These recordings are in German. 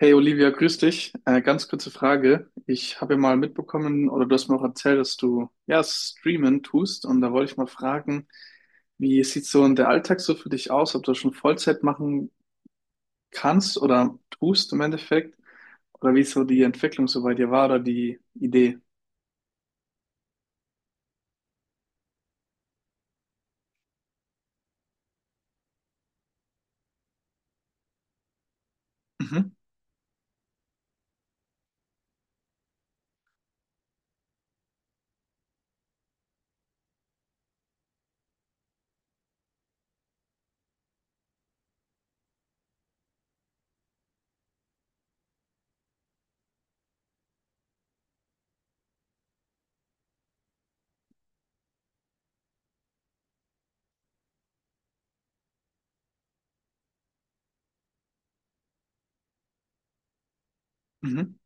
Hey Olivia, grüß dich. Ganz kurze Frage. Ich habe ja mal mitbekommen oder du hast mir auch erzählt, dass du ja streamen tust und da wollte ich mal fragen, wie sieht so der Alltag so für dich aus, ob du das schon Vollzeit machen kannst oder tust im Endeffekt oder wie so die Entwicklung so bei dir war oder die Idee? Mhm. Mhm.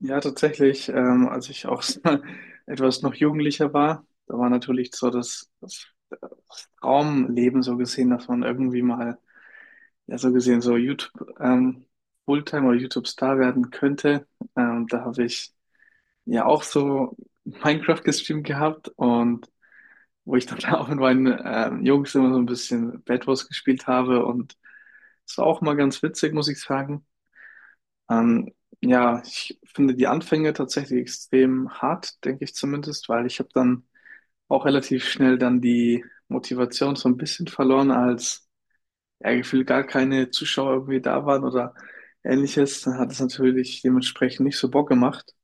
Ja, tatsächlich, als ich auch etwas noch jugendlicher war, da war natürlich so das Traumleben so gesehen, dass man irgendwie mal ja, so gesehen so YouTube Fulltime oder YouTube Star werden könnte. Da habe ich ja auch so Minecraft gestreamt gehabt und wo ich dann auch mit meinen Jungs immer so ein bisschen Bed Wars gespielt habe, und es war auch mal ganz witzig, muss ich sagen. Ähm, ja, ich finde die Anfänge tatsächlich extrem hart, denke ich zumindest, weil ich habe dann auch relativ schnell dann die Motivation so ein bisschen verloren als ja, gefühlt gar keine Zuschauer irgendwie da waren oder ähnliches, dann hat es natürlich dementsprechend nicht so Bock gemacht.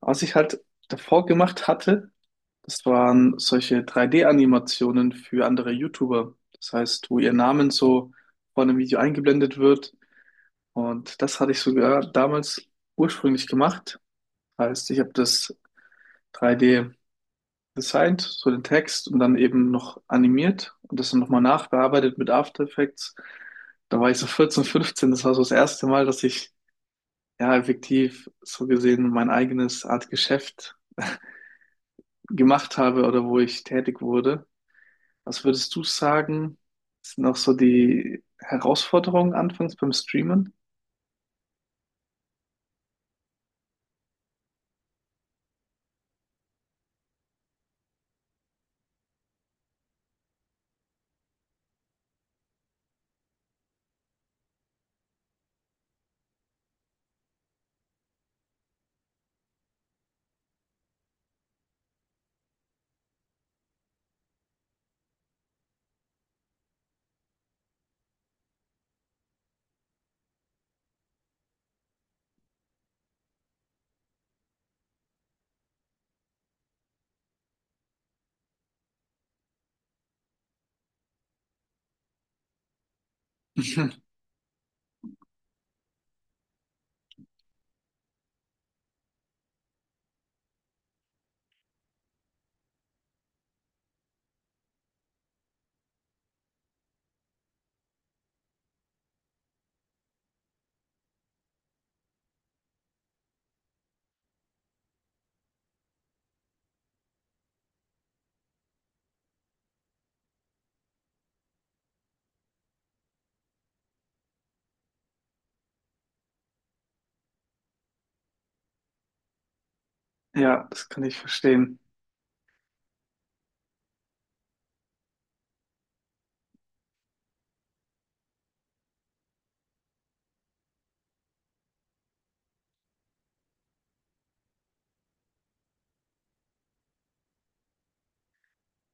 Was ich halt davor gemacht hatte, das waren solche 3D-Animationen für andere YouTuber. Das heißt, wo ihr Namen so vor einem Video eingeblendet wird. Und das hatte ich sogar damals ursprünglich gemacht. Heißt, ich habe das 3D gesigned, so den Text und dann eben noch animiert und das dann nochmal nachbearbeitet mit After Effects. Da war ich so 14, 15, das war so das erste Mal, dass ich ja effektiv so gesehen mein eigenes Art Geschäft gemacht habe oder wo ich tätig wurde. Was würdest du sagen, sind auch so die Herausforderungen anfangs beim Streamen? Ja, das kann ich verstehen.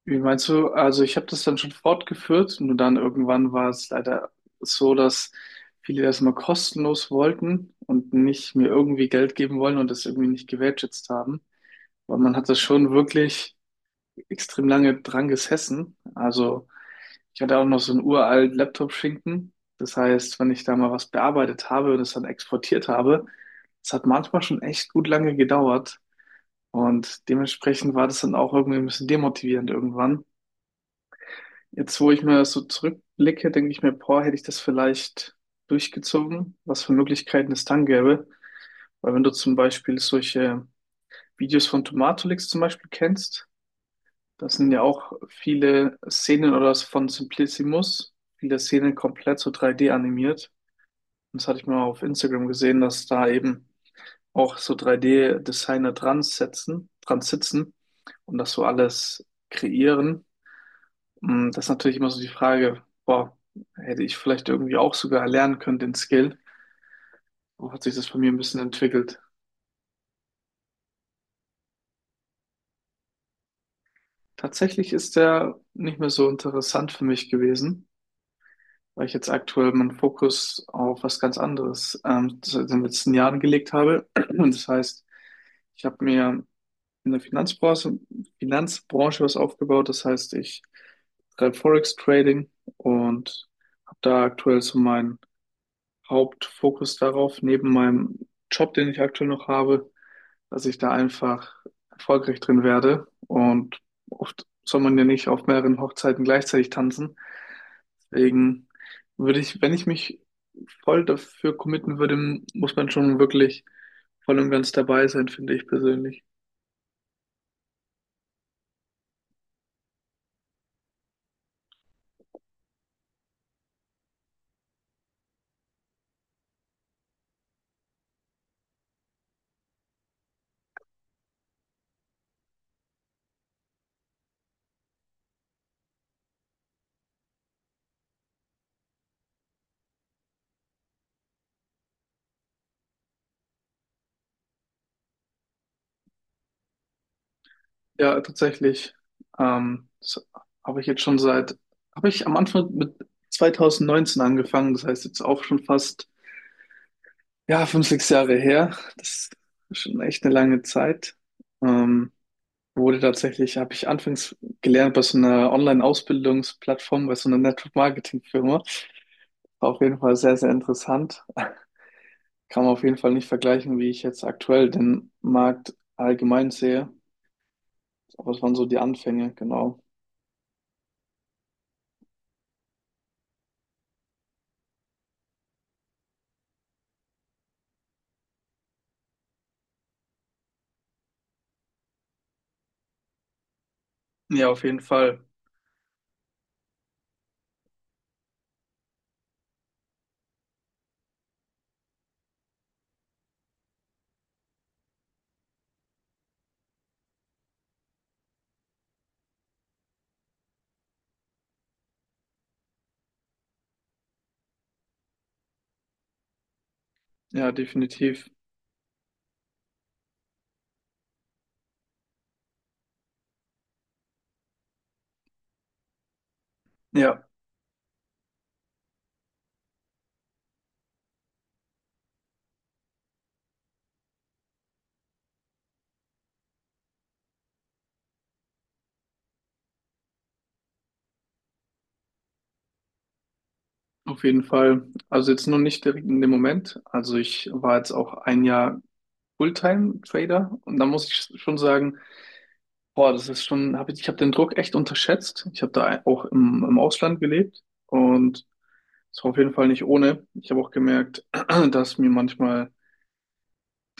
Wie meinst du? Also ich habe das dann schon fortgeführt, nur dann irgendwann war es leider so, dass viele das mal kostenlos wollten und nicht mir irgendwie Geld geben wollen und das irgendwie nicht gewertschätzt haben. Weil man hat das schon wirklich extrem lange dran gesessen. Also ich hatte auch noch so einen uralt Laptop-Schinken. Das heißt, wenn ich da mal was bearbeitet habe und es dann exportiert habe, das hat manchmal schon echt gut lange gedauert. Und dementsprechend war das dann auch irgendwie ein bisschen demotivierend irgendwann. Jetzt, wo ich mal so zurückblicke, denke ich mir, boah, hätte ich das vielleicht durchgezogen, was für Möglichkeiten es dann gäbe. Weil wenn du zum Beispiel solche Videos von Tomatolix zum Beispiel kennst, da sind ja auch viele Szenen oder von Simplissimus, viele Szenen komplett so 3D animiert. Und das hatte ich mal auf Instagram gesehen, dass da eben auch so 3D-Designer dran setzen, dran sitzen und das so alles kreieren. Das ist natürlich immer so die Frage, boah, hätte ich vielleicht irgendwie auch sogar erlernen können, den Skill? Wo hat sich das bei mir ein bisschen entwickelt? Tatsächlich ist der nicht mehr so interessant für mich gewesen, weil ich jetzt aktuell meinen Fokus auf was ganz anderes in den letzten Jahren gelegt habe. Und das heißt, ich habe mir in der Finanzbranche was aufgebaut. Das heißt, ich treibe Forex Trading und habe da aktuell so mein Hauptfokus darauf, neben meinem Job, den ich aktuell noch habe, dass ich da einfach erfolgreich drin werde. Und oft soll man ja nicht auf mehreren Hochzeiten gleichzeitig tanzen. Deswegen würde ich, wenn ich mich voll dafür committen würde, muss man schon wirklich voll und ganz dabei sein, finde ich persönlich. Ja, tatsächlich. Das habe ich jetzt schon habe ich am Anfang mit 2019 angefangen. Das heißt jetzt auch schon fast ja, 5, 6 Jahre her. Das ist schon echt eine lange Zeit. Ähm, Wurde tatsächlich, habe ich anfangs gelernt bei so einer Online-Ausbildungsplattform, bei so einer Network-Marketing-Firma. War auf jeden Fall sehr, sehr interessant. Kann man auf jeden Fall nicht vergleichen, wie ich jetzt aktuell den Markt allgemein sehe. Aber es waren so die Anfänge, genau. Ja, auf jeden Fall. Ja, definitiv. Ja, auf jeden Fall. Also jetzt nur nicht direkt in dem Moment. Also ich war jetzt auch ein Jahr Fulltime-Trader und da muss ich schon sagen, boah, das ist schon, hab ich, ich habe den Druck echt unterschätzt. Ich habe da auch im Ausland gelebt und es war auf jeden Fall nicht ohne. Ich habe auch gemerkt, dass mir manchmal,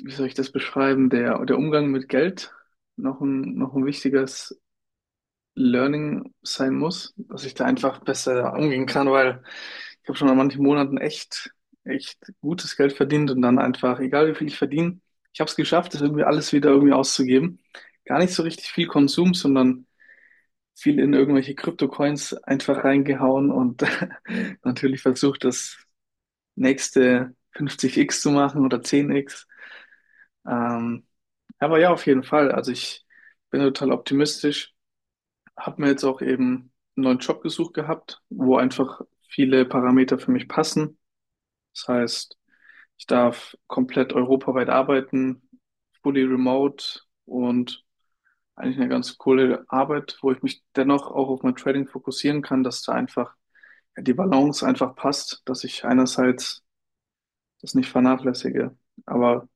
wie soll ich das beschreiben, der Umgang mit Geld noch noch ein wichtiges Learning sein muss, dass ich da einfach besser umgehen kann, weil ich habe schon an manchen Monaten echt, echt gutes Geld verdient und dann einfach, egal wie viel ich verdiene, ich habe es geschafft, das irgendwie alles wieder irgendwie auszugeben. Gar nicht so richtig viel Konsum, sondern viel in irgendwelche Kryptocoins einfach reingehauen und natürlich versucht, das nächste 50x zu machen oder 10x. Ähm, aber ja, auf jeden Fall. Also ich bin total optimistisch, habe mir jetzt auch eben einen neuen Job gesucht gehabt, wo einfach viele Parameter für mich passen. Das heißt, ich darf komplett europaweit arbeiten, fully remote, und eigentlich eine ganz coole Arbeit, wo ich mich dennoch auch auf mein Trading fokussieren kann, dass da einfach ja, die Balance einfach passt, dass ich einerseits das nicht vernachlässige. Aber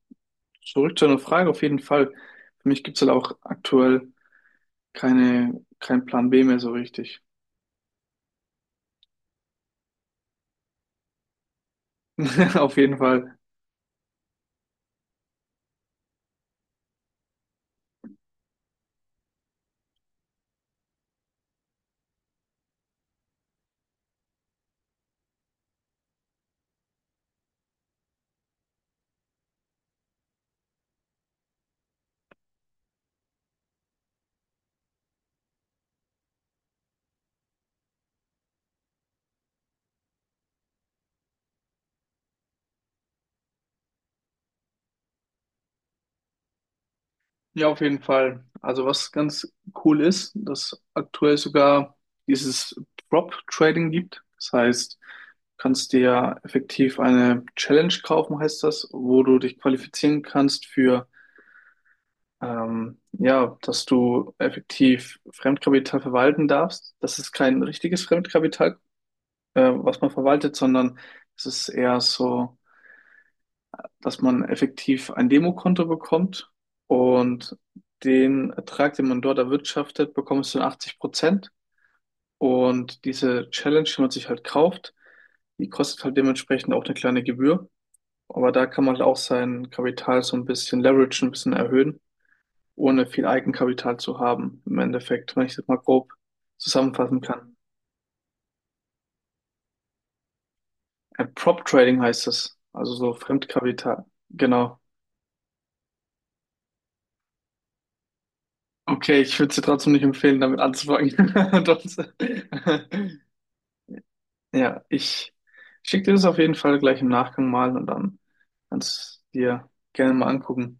zurück zu einer Frage auf jeden Fall. Für mich gibt es halt auch aktuell keinen Plan B mehr so richtig. Auf jeden Fall. Ja, auf jeden Fall. Also was ganz cool ist, dass aktuell sogar dieses Prop-Trading gibt. Das heißt, du kannst dir ja effektiv eine Challenge kaufen, heißt das, wo du dich qualifizieren kannst für, ja, dass du effektiv Fremdkapital verwalten darfst. Das ist kein richtiges Fremdkapital, was man verwaltet, sondern es ist eher so, dass man effektiv ein Demokonto bekommt und den Ertrag, den man dort erwirtschaftet, bekommst du in 80%. Und diese Challenge, die man sich halt kauft, die kostet halt dementsprechend auch eine kleine Gebühr. Aber da kann man halt auch sein Kapital so ein bisschen leveragen, ein bisschen erhöhen, ohne viel Eigenkapital zu haben, im Endeffekt, wenn ich das mal grob zusammenfassen kann. Prop Trading heißt es, also so Fremdkapital. Genau. Okay, ich würde es dir trotzdem nicht empfehlen, damit anzufangen. Sonst- Ja, ich schicke dir das auf jeden Fall gleich im Nachgang mal und dann kannst du es dir gerne mal angucken.